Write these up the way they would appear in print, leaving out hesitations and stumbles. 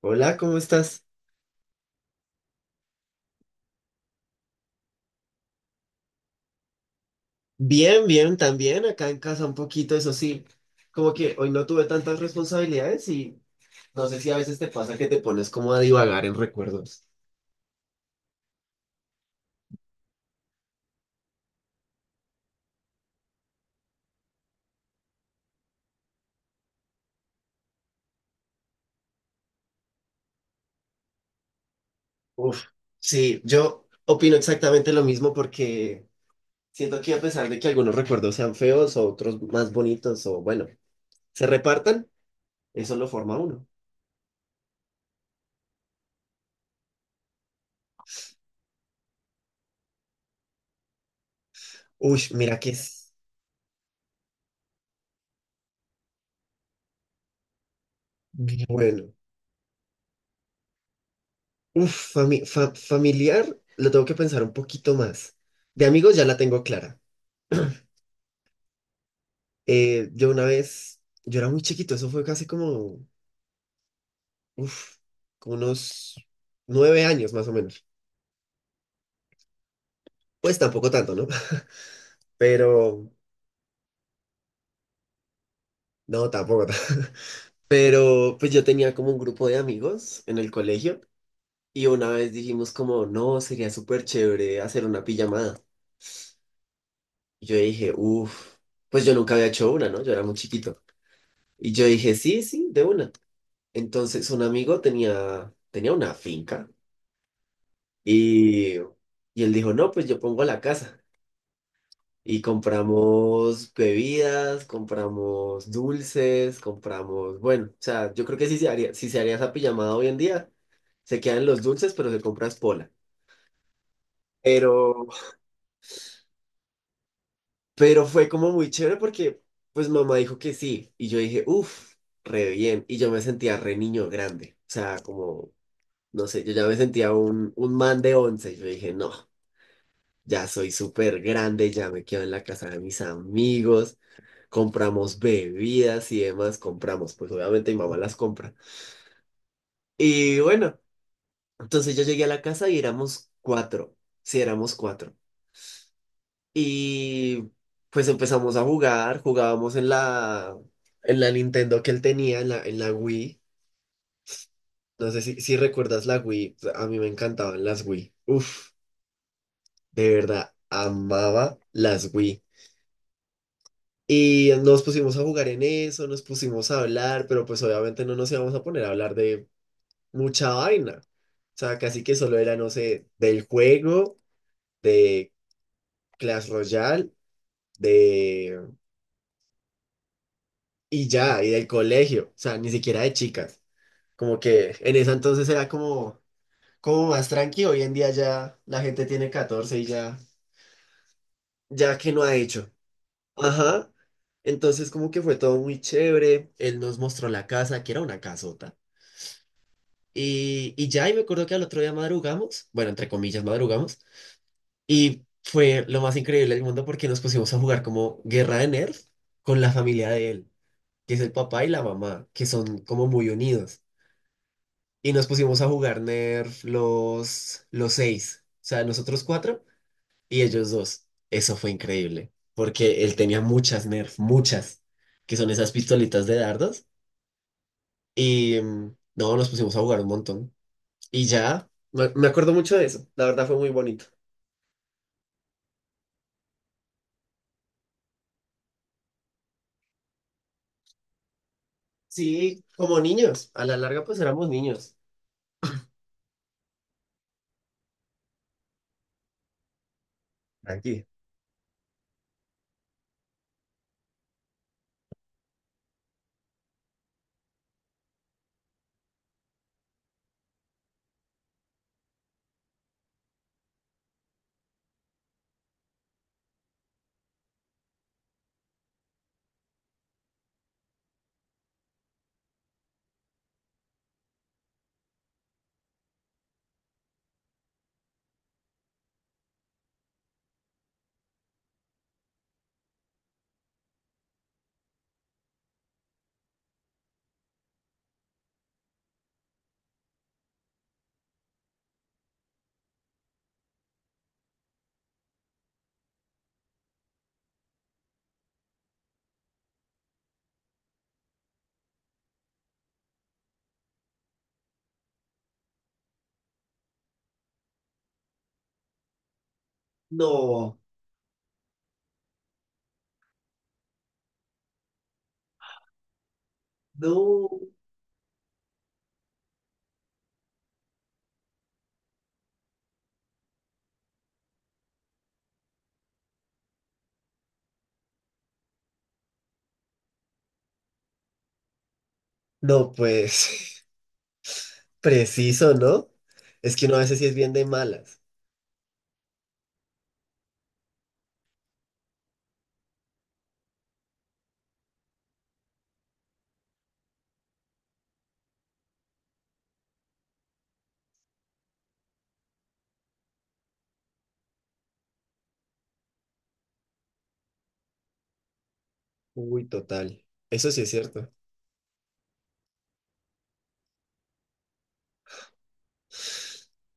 Hola, ¿cómo estás? Bien, bien, también acá en casa un poquito, eso sí, como que hoy no tuve tantas responsabilidades y no sé si a veces te pasa que te pones como a divagar en recuerdos. Uf, sí, yo opino exactamente lo mismo porque siento que a pesar de que algunos recuerdos sean feos o otros más bonitos o bueno, se repartan, eso lo forma uno. Uy, mira que es bueno. Uf, familiar, lo tengo que pensar un poquito más. De amigos ya la tengo clara. Yo una vez, yo era muy chiquito, eso fue casi como, uf, como unos 9 años más o menos. Pues tampoco tanto, ¿no? Pero, no, tampoco tanto. Pero pues yo tenía como un grupo de amigos en el colegio y una vez dijimos como, no, sería súper chévere hacer una pijamada. Y yo dije, uff, pues yo nunca había hecho una, ¿no? Yo era muy chiquito. Y yo dije, sí, sí, de una. Entonces un amigo tenía una finca. Y, y él dijo, no, pues yo pongo la casa. Y compramos bebidas, compramos dulces, compramos, bueno, o sea, yo creo que si se haría esa pijamada hoy en día, se quedan los dulces, pero se compra es pola. Pero, pero fue como muy chévere porque pues mamá dijo que sí. Y yo dije, uff, re bien. Y yo me sentía re niño grande. O sea, como, no sé, yo ya me sentía un man de 11. Yo dije, no. Ya soy súper grande, ya me quedo en la casa de mis amigos, compramos bebidas y demás, compramos, pues obviamente mi mamá las compra. Y bueno, entonces yo llegué a la casa y éramos cuatro, sí, éramos cuatro. Y pues empezamos a jugar, jugábamos en la Nintendo que él tenía, en la Wii. No sé si, si recuerdas la Wii, a mí me encantaban las Wii. Uf, de verdad, amaba las Wii. Y nos pusimos a jugar en eso, nos pusimos a hablar, pero pues obviamente no nos íbamos a poner a hablar de mucha vaina. O sea, casi que solo era, no sé, del juego, de Clash Royale, de... y ya, y del colegio. O sea, ni siquiera de chicas. Como que en ese entonces era como, como más tranqui. Hoy en día ya la gente tiene 14 y ya, ya que no ha hecho. Ajá. Entonces como que fue todo muy chévere. Él nos mostró la casa, que era una casota. Y ya, y me acuerdo que al otro día madrugamos, bueno, entre comillas, madrugamos, y fue lo más increíble del mundo porque nos pusimos a jugar como Guerra de Nerds con la familia de él, que es el papá y la mamá, que son como muy unidos. Y nos pusimos a jugar Nerf los seis, o sea, nosotros cuatro y ellos dos. Eso fue increíble, porque él tenía muchas Nerf, muchas, que son esas pistolitas de dardos, y no, nos pusimos a jugar un montón. Y ya, me acuerdo mucho de eso. La verdad fue muy bonito. Sí, como niños. A la larga, pues éramos niños. Tranqui. No, no. No, pues, preciso, ¿no? Es que uno a veces sí es bien de malas. Uy, total. Eso sí es cierto.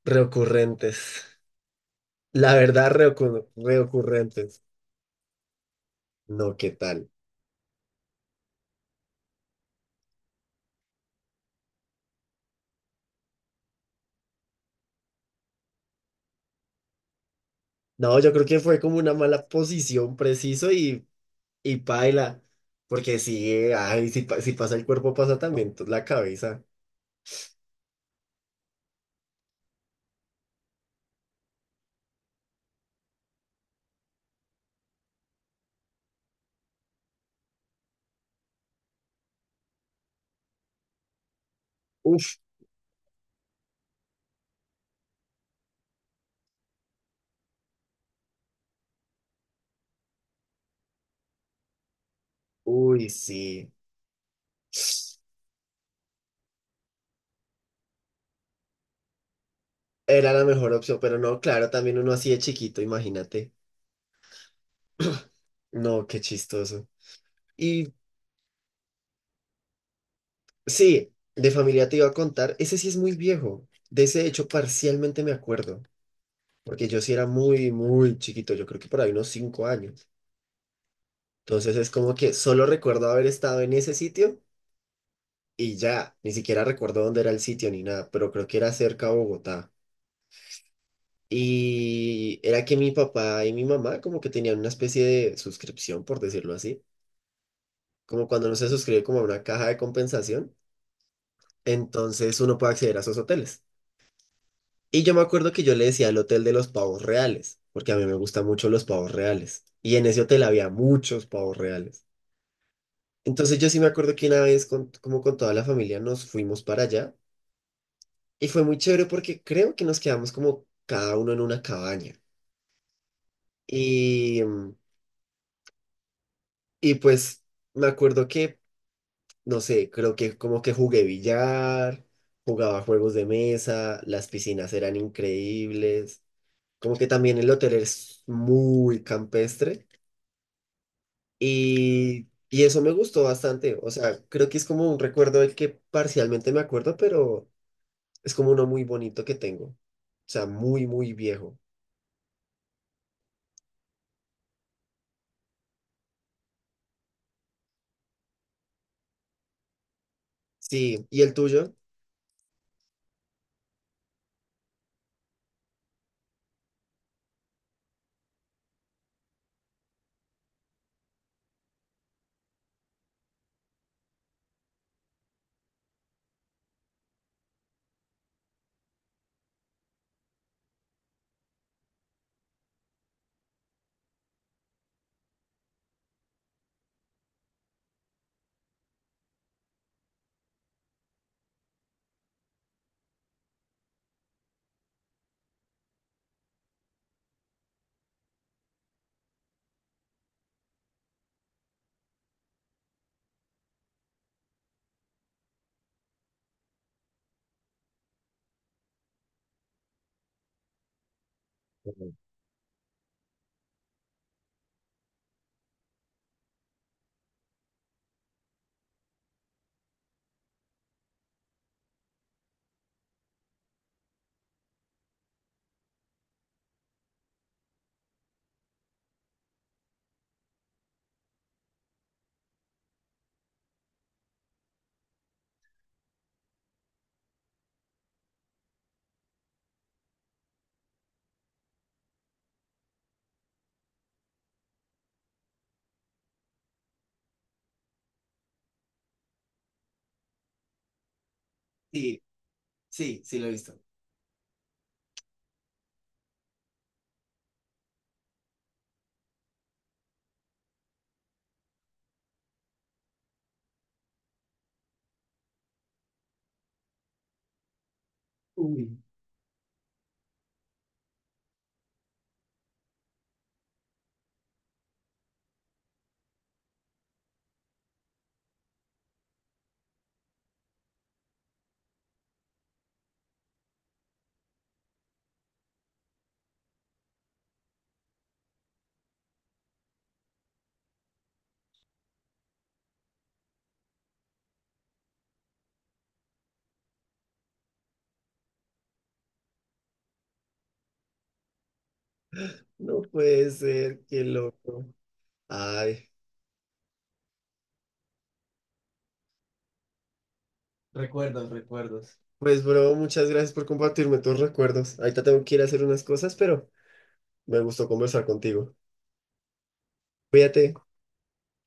Reocurrentes. La verdad, reocurrentes. No, ¿qué tal? No, yo creo que fue como una mala posición, preciso, y paila, porque si, ay, si, si pasa el cuerpo, pasa también la cabeza. Uf, uy, sí. Era la mejor opción, pero no, claro, también uno así de chiquito, imagínate. No, qué chistoso. Y sí, de familia te iba a contar, ese sí es muy viejo. De ese hecho, parcialmente me acuerdo, porque yo sí era muy, muy chiquito, yo creo que por ahí unos 5 años. Entonces es como que solo recuerdo haber estado en ese sitio y ya, ni siquiera recuerdo dónde era el sitio ni nada, pero creo que era cerca a Bogotá. Y era que mi papá y mi mamá como que tenían una especie de suscripción, por decirlo así, como cuando uno se suscribe como a una caja de compensación, entonces uno puede acceder a esos hoteles. Y yo me acuerdo que yo le decía el Hotel de los Pavos Reales, porque a mí me gustan mucho los pavos reales. Y en ese hotel había muchos pavos reales. Entonces yo sí me acuerdo que una vez como con toda la familia nos fuimos para allá y fue muy chévere porque creo que nos quedamos como cada uno en una cabaña. Y, y pues me acuerdo que no sé, creo que como que jugué billar, jugaba juegos de mesa, las piscinas eran increíbles, como que también el hotel es muy campestre y eso me gustó bastante, o sea, creo que es como un recuerdo del que parcialmente me acuerdo, pero es como uno muy bonito que tengo, o sea, muy, muy viejo. Sí, ¿y el tuyo? Ujú. Sí, sí, sí lo he visto. Uy, no puede ser, qué loco. Ay. Recuerdos, recuerdos. Pues, bro, muchas gracias por compartirme tus recuerdos. Ahorita tengo que ir a hacer unas cosas, pero me gustó conversar contigo. Cuídate.